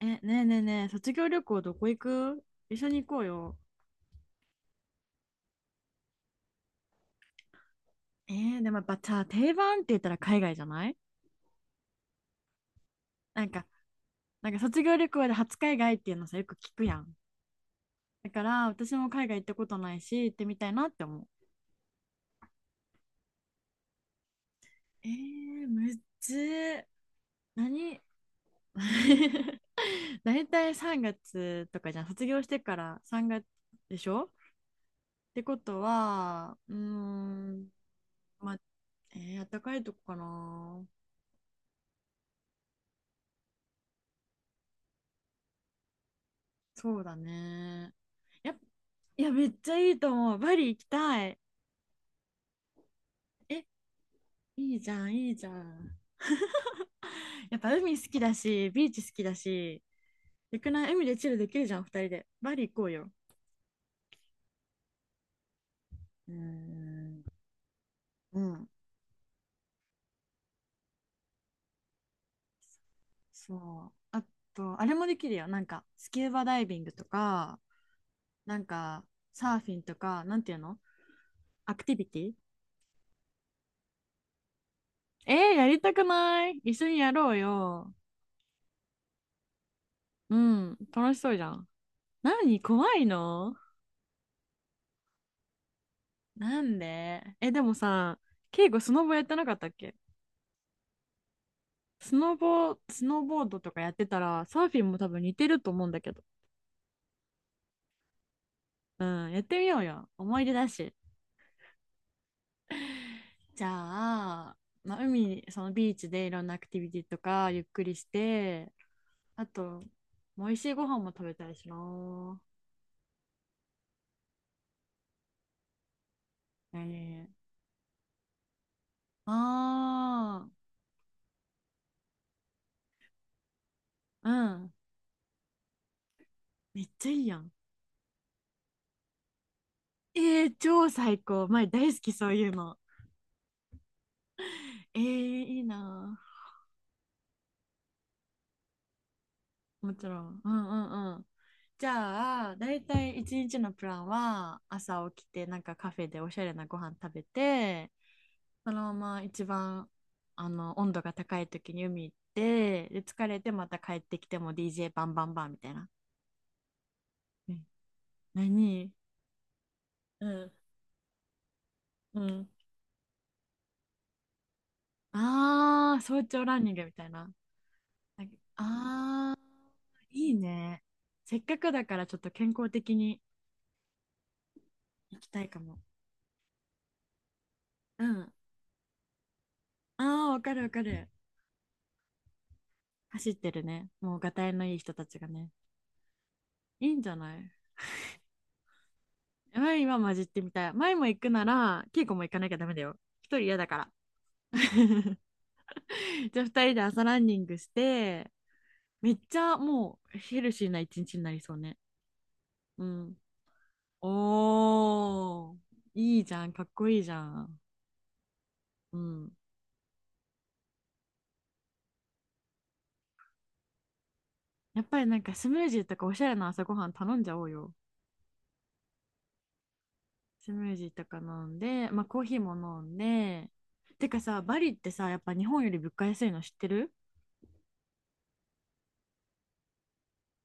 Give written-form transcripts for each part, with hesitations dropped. ねえねえねえ、卒業旅行どこ行く？一緒に行こうよ。えでもやっぱさ、定番って言ったら海外じゃない？なんか、なんか卒業旅行で初海外っていうのさ、よく聞くやん。だから私も海外行ったことないし、行ってみたいなって思う。むっずー。何？ 大体3月とかじゃん。卒業してから3月でしょ？ってことは、うーん、まあ、あったかいとこかな。そうだね。やっ、いや、めっちゃいいと思う。バリ行きたい。え、いいじゃん、いいじゃん。やっぱ海好きだし、ビーチ好きだし、よくない？海でチルできるじゃん、二人で。バリ行こうよ。うーん。うん、そう。あと、あれもできるよ。なんか、スキューバダイビングとか、なんか、サーフィンとか、なんていうの？アクティビティ。やりたくない？一緒にやろうよ。うん、楽しそうじゃん。何？怖いの？なんでえ、でもさ、ケイゴスノボやってなかったっけ？スノボ、スノーボードとかやってたら、サーフィンも多分似てると思うんだけど。うん、やってみようよ。思い出だし。じゃあ、まあ、海に、そのビーチでいろんなアクティビティとかゆっくりして、あと、美味しいご飯も食べたいしな。ええ、ああー、あうん。めっちゃいいやん。超最高。前大好きそういうの。えー、いいな。もちろん。うんうんうん。じゃあ、だいたい一日のプランは、朝起きて、なんかカフェでおしゃれなご飯食べて、そのまま一番、温度が高い時に海行って、で、疲れてまた帰ってきても DJ バンバンバンみたいな。え何？うん、うん。ああ、早朝ランニングみたいな。なんか、ああ、いいね。せっかくだからちょっと健康的に行きたいかも。うん。ああ、わかるわかる。走ってるね。もうガタイのいい人たちがね。いいんじゃない？前今混じってみたい。前も行くなら、稽古も行かなきゃダメだよ。一人嫌だから。 じゃあ二人で朝ランニングして、めっちゃもうヘルシーな一日になりそうね。うん。おー、いいじゃん。かっこいいじゃん。うん。やっぱりなんかスムージーとかおしゃれな朝ごはん頼んじゃおうよ。スムージーとか飲んで、まあコーヒーも飲んで。てかさ、バリってさ、やっぱ日本より物価安いの知ってる？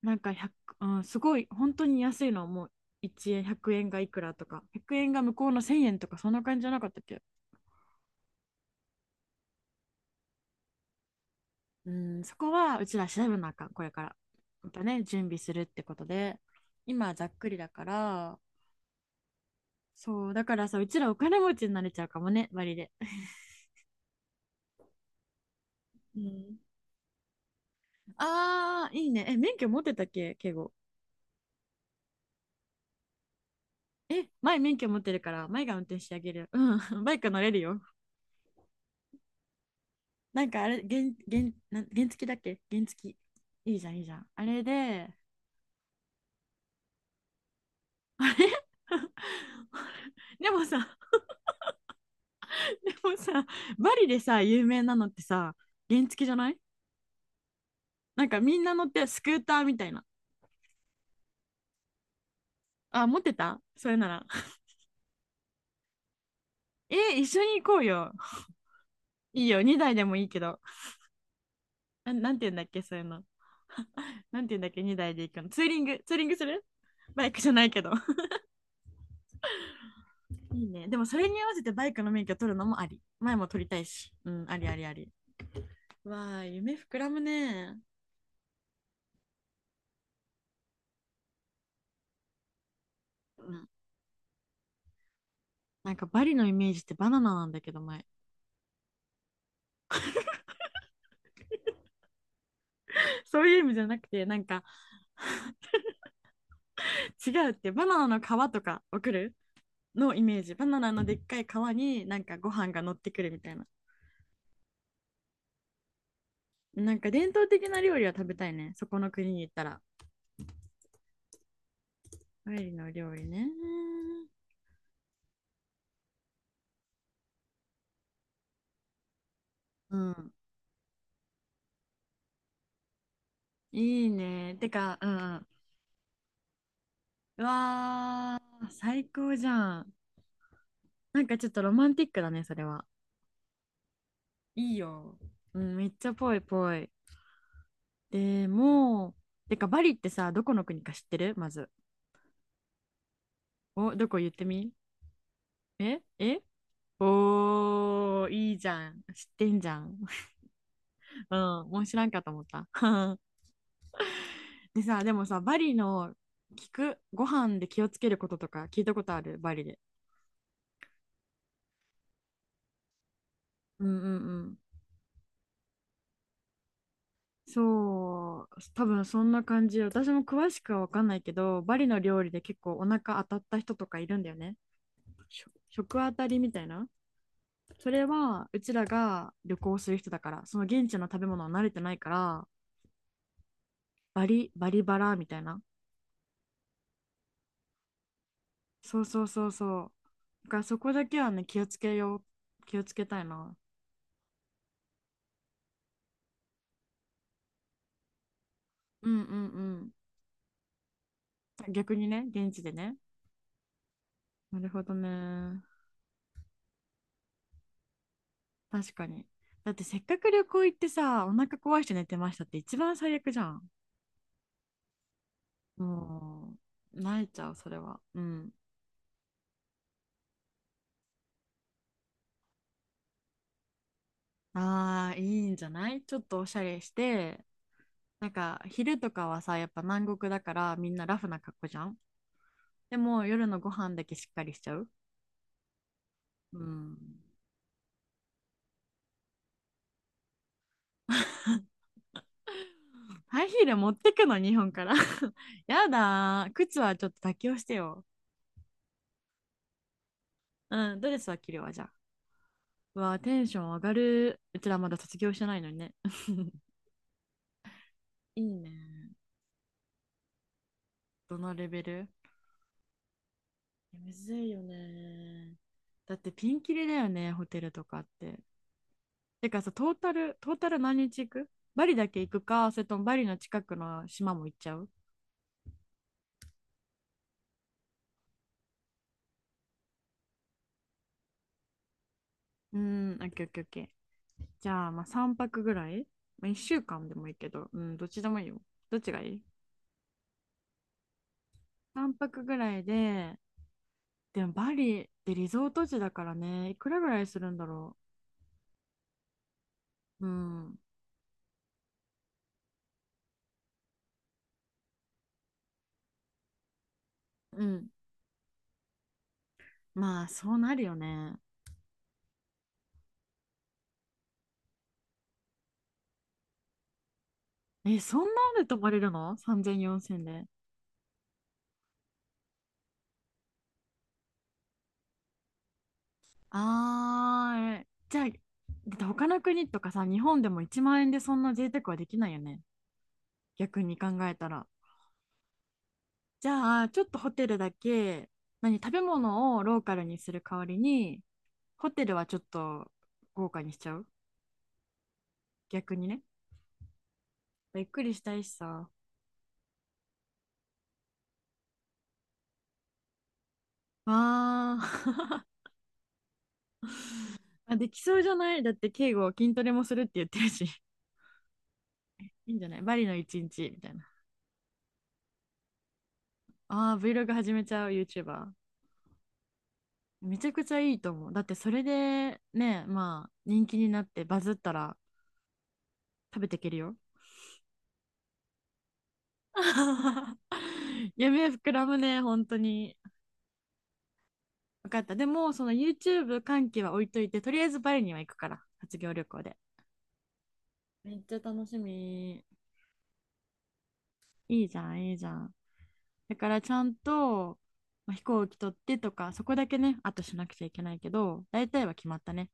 なんか100、うん、すごい本当に安いのはもう1円、100円がいくらとか、100円が向こうの1000円とかそんな感じじゃなかったっけ？うん、そこはうちら調べなあかん、これから。またね、準備するってことで。今はざっくりだから。そうだからさ、うちらお金持ちになれちゃうかもね、割で。うん、あー、いいねえ。免許持ってたっけ敬語？前免許持ってるから前が運転してあげる。うん。 バイク乗れるよ。なんかあれ、原付だっけ、原付。いいじゃん、いいじゃん。あれで、あれ。 でもさ、でもさ、バリでさ、有名なのってさ、原付じゃない？なんかみんな乗ってスクーターみたいな。あ、持ってたそれなら。一緒に行こうよ。いいよ、2台でもいいけど。なんて言うんだっけ、そういうの。なんて言うんだっけ、2台で行くの。ツーリングするバイクじゃないけど。いいね。でもそれに合わせてバイクの免許取るのもあり。前も取りたいし。うん、ありありあり。わあ、夢膨らむね。うん。なんかバリのイメージってバナナなんだけど前。そういう意味じゃなくて、なんか違うって、バナナの皮とか送るのイメージ。バナナのでっかい皮になんかご飯が乗ってくるみたいな。なんか伝統的な料理は食べたいね。そこの国に行ったら。バリの料理ね。うん、いいね。てか、うん、うわー、最高じゃん。なんかちょっとロマンティックだね、それは。いいよ。うん、めっちゃぽいぽい。でも、てかバリってさ、どこの国か知ってる？まず。お、どこ言ってみ？ええ、おー、いいじゃん。知ってんじゃん。うん、もう知らんかと思った。でさ、でもさ、バリのご飯で気をつけることとか聞いたことある？バリで。うんうんうん。そう、多分そんな感じ。私も詳しくは分かんないけど、バリの料理で結構お腹当たった人とかいるんだよね。食当たりみたいな。それはうちらが旅行する人だから、その現地の食べ物は慣れてないから。バリバリバラみたいな、そうそうそうそう。だから、そこだけはね、気をつけよう。気をつけたいな。うんうんうん、逆にね、現地でね。なるほどね。確かに。だってせっかく旅行行ってさ、お腹壊して寝てましたって一番最悪じゃん。もう泣いちゃう、それは。うん。ああ、いいんじゃない？ちょっとおしゃれして。なんか昼とかはさ、やっぱ南国だからみんなラフな格好じゃん。でも夜のご飯だけしっかりしちゃう。うん。ハイヒール持ってくの、日本から。やだー。靴はちょっと妥協してよ。うん、ドレスは着るわ、じゃあ。うわー、テンション上がる。うちらまだ卒業してないのにね。いいね。どのレベル？むずいよね。だってピンキリだよね、ホテルとかって。てかさ、トータル何日行く？バリだけ行くか、それともバリの近くの島も行っちゃう？うーん、オッケーオッケーオッケー。じゃあ、まあ3泊ぐらい、まあ、?1 週間でもいいけど、うん、どっちでもいいよ。どっちがいい ?3 泊ぐらいで、でもバリってリゾート地だからね、いくらぐらいするんだろう。うん、うん。まあ、そうなるよね。え、そんなんで泊まれるの ?3000、4000で。ああ、じゃあ、だって他の国とかさ、日本でも1万円でそんな贅沢はできないよね。逆に考えたら。じゃあ、ちょっとホテルだけ、何、食べ物をローカルにする代わりに、ホテルはちょっと豪華にしちゃう、逆にね。ゆっくりしたいしさ。あー、 あ、できそうじゃない？だって敬語筋トレもするって言ってるし。いいんじゃない？バリの一日みたいな。ああ、Vlog 始めちゃう YouTuber。めちゃくちゃいいと思う。だってそれでね、まあ人気になってバズったら食べていけるよ。夢膨らむね、本当に。分かった。でも、その YouTube 関係は置いといて、とりあえずバリには行くから、卒業旅行で。めっちゃ楽しみ。いいじゃん、いいじゃん。だからちゃんと、まあ飛行機取ってとか、そこだけね、あとしなくちゃいけないけど、大体は決まったね。